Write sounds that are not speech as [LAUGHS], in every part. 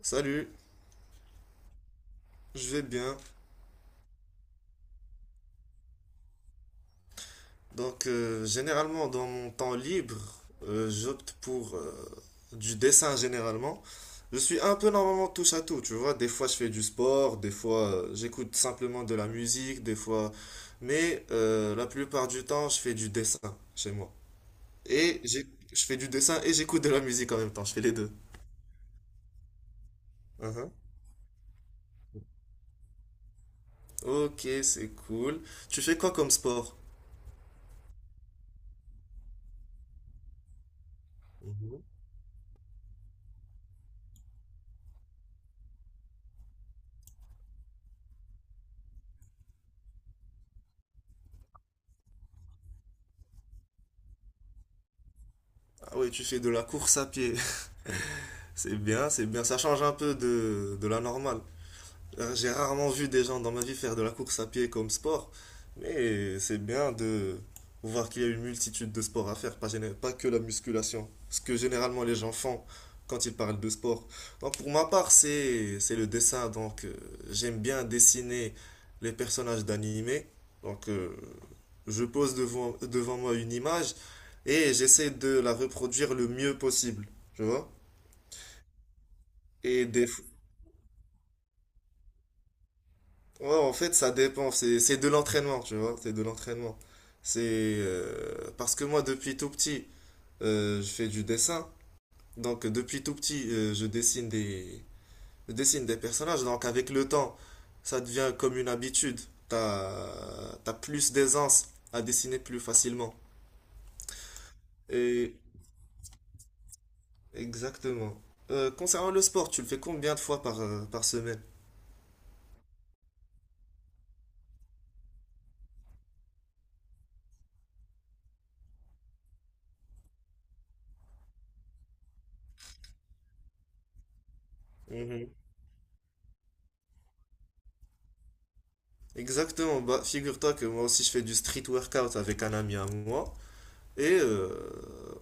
Salut, je vais bien. Donc, généralement, dans mon temps libre, j'opte pour du dessin généralement. Je suis un peu normalement touche à tout, tu vois. Des fois, je fais du sport, des fois, j'écoute simplement de la musique, des fois. Mais la plupart du temps, je fais du dessin chez moi. Et j'ai- je fais du dessin et j'écoute de la musique en même temps, je fais les deux. Mhm. Ok, c'est cool. Tu fais quoi comme sport? Mhm. Ah oui, tu fais de la course à pied. C'est bien, c'est bien. Ça change un peu de la normale. J'ai rarement vu des gens dans ma vie faire de la course à pied comme sport, mais c'est bien de voir qu'il y a une multitude de sports à faire, pas, pas que la musculation. Ce que généralement les gens font quand ils parlent de sport. Donc pour ma part, c'est le dessin. Donc j'aime bien dessiner les personnages d'animés. Donc je pose devant moi une image et j'essaie de la reproduire le mieux possible. Tu vois? Et des, Ouais, en fait, ça dépend. C'est de l'entraînement, tu vois. C'est de l'entraînement. C'est parce que moi, depuis tout petit, je fais du dessin. Donc, depuis tout petit, je dessine des personnages. Donc, avec le temps, ça devient comme une habitude. T'as plus d'aisance à dessiner plus facilement. Et exactement. Concernant le sport, tu le fais combien de fois par, par semaine? Mhm. Exactement. Bah, figure-toi que moi aussi, je fais du street workout avec un ami à moi. Et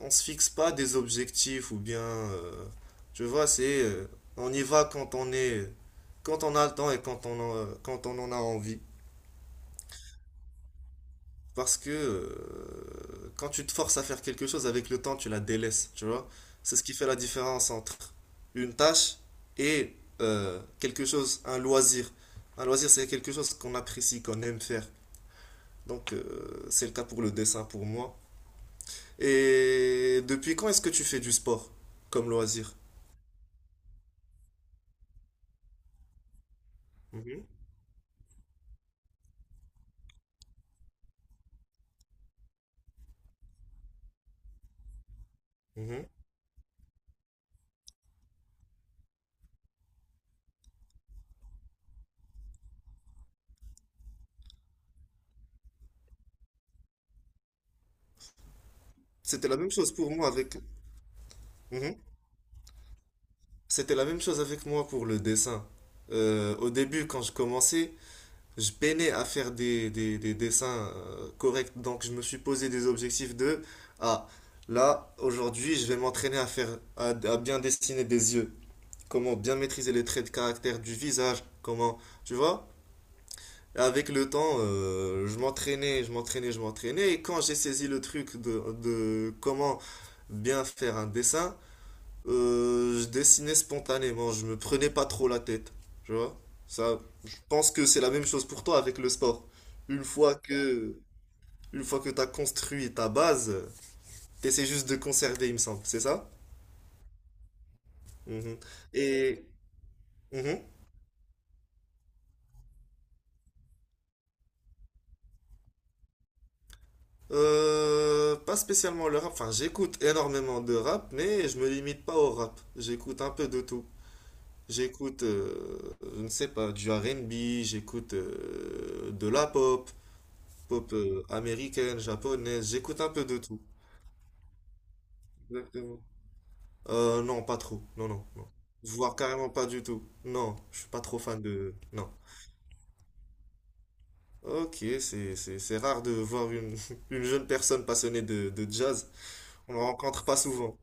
on se fixe pas des objectifs ou bien, tu vois, c'est on y va quand on est, quand on a le temps et quand on en a envie. Parce que quand tu te forces à faire quelque chose avec le temps, tu la délaisses, tu vois. C'est ce qui fait la différence entre une tâche et quelque chose, un loisir. Un loisir, c'est quelque chose qu'on apprécie, qu'on aime faire. Donc, c'est le cas pour le dessin pour moi. Et depuis quand est-ce que tu fais du sport comme loisir? Mhm, mhm. C'était la même chose pour moi avec... Mhm. C'était la même chose avec moi pour le dessin. Au début, quand je commençais, je peinais à faire des dessins corrects. Donc, je me suis posé des objectifs de, ah, là, aujourd'hui, je vais m'entraîner à faire, à bien dessiner des yeux. Comment bien maîtriser les traits de caractère du visage. Comment, tu vois? Avec le temps, je m'entraînais. Et quand j'ai saisi le truc de comment bien faire un dessin, je dessinais spontanément. Je me prenais pas trop la tête. Tu vois? Ça, je pense que c'est la même chose pour toi avec le sport. Une fois que, une fois que tu as construit ta base, tu essaies juste de conserver, il me semble. C'est ça? Mhm. Et. Mhm. Pas spécialement le rap, enfin j'écoute énormément de rap, mais je me limite pas au rap. J'écoute un peu de tout. J'écoute, je ne sais pas, du R&B, j'écoute de la pop, pop américaine, japonaise, j'écoute un peu de tout. Exactement. Non, pas trop. Non, non, non. Voire carrément pas du tout. Non, je suis pas trop fan de... Non. Ok, c'est rare de voir une, [LAUGHS] une jeune personne passionnée de jazz. On ne rencontre pas souvent.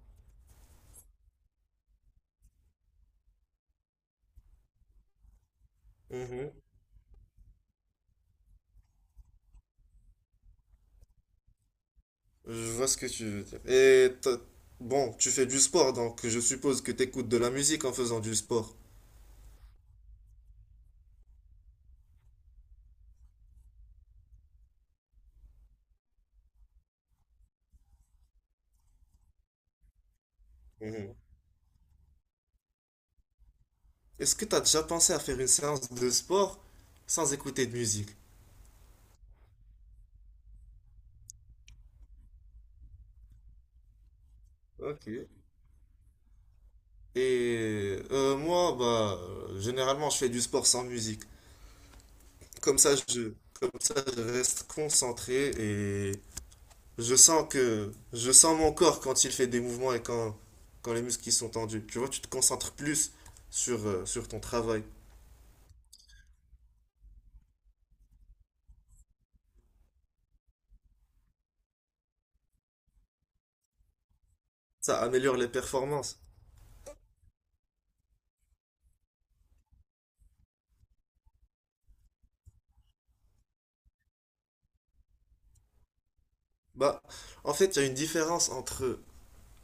Je vois ce que tu veux dire. Bon, tu fais du sport, donc je suppose que tu écoutes de la musique en faisant du sport. Mhm. Est-ce que tu as déjà pensé à faire une séance de sport sans écouter de musique? Ok. Et moi, bah, généralement, je fais du sport sans musique. Comme ça, je, comme ça, je reste concentré et je sens mon corps quand il fait des mouvements et quand, quand les muscles qui sont tendus. Tu vois, tu te concentres plus sur, sur ton travail. Ça améliore les performances. Bah, en fait, il y a une différence entre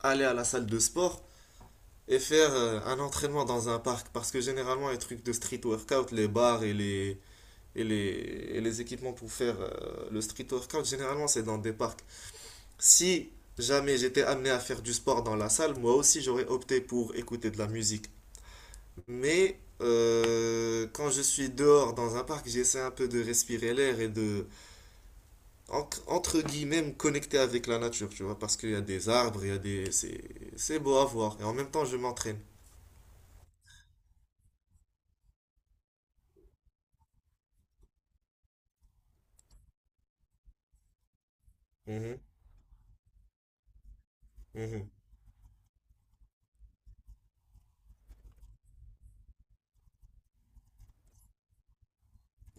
aller à la salle de sport et faire un entraînement dans un parc. Parce que généralement, les trucs de street workout, les bars et les, et les, et les équipements pour faire le street workout, généralement, c'est dans des parcs. Si jamais j'étais amené à faire du sport dans la salle, moi aussi, j'aurais opté pour écouter de la musique. Mais quand je suis dehors dans un parc, j'essaie un peu de respirer l'air et de entre guillemets, me connecter avec la nature, tu vois, parce qu'il y a des arbres, il y a des... c'est beau à voir. Et en même temps, je m'entraîne. Mhm, mhm.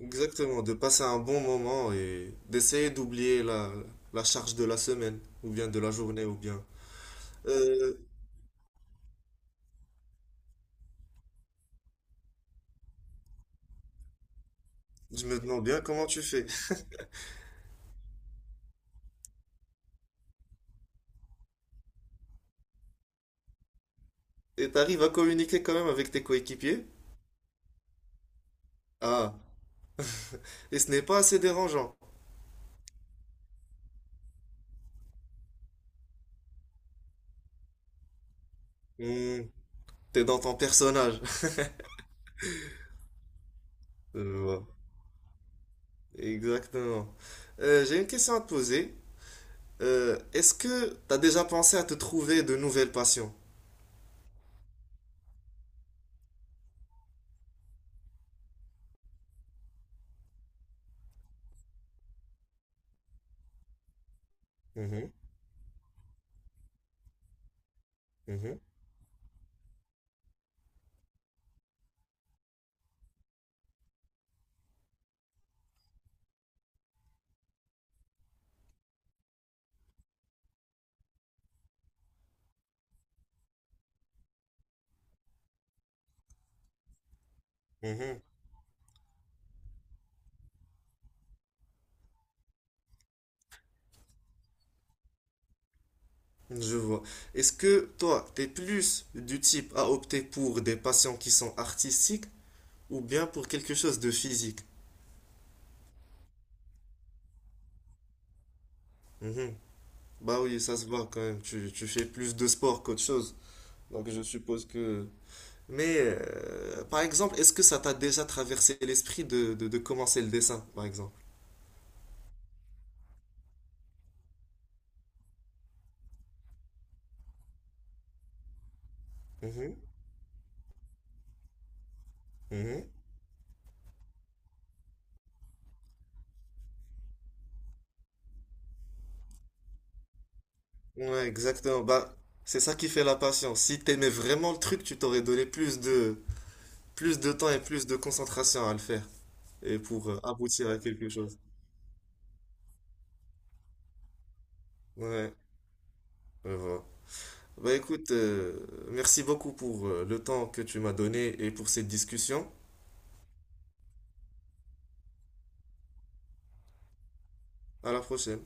Exactement, de passer un bon moment et d'essayer d'oublier la charge de la semaine, ou bien de la journée, ou bien... Euh, je me demande bien comment tu fais. Et t'arrives à communiquer quand même avec tes coéquipiers? Ah, et ce n'est pas assez dérangeant. Hmm, t'es dans ton personnage. [LAUGHS] Je vois. Exactement. J'ai une question à te poser. Est-ce que tu as déjà pensé à te trouver de nouvelles passions? Mhm, mhm, mhm. Je vois. Est-ce que toi, t'es plus du type à opter pour des passions qui sont artistiques ou bien pour quelque chose de physique? Mhm. Bah oui, ça se voit quand même. Tu fais plus de sport qu'autre chose. Donc je suppose que... Mais par exemple, est-ce que ça t'a déjà traversé l'esprit de commencer le dessin, par exemple? Mhm, mhm. Ouais, exactement. Bah, c'est ça qui fait la patience. Si t'aimais vraiment le truc, tu t'aurais donné plus de temps et plus de concentration à le faire et pour aboutir à quelque chose. Ouais, je vois. Bah écoute, merci beaucoup pour le temps que tu m'as donné et pour cette discussion. À la prochaine.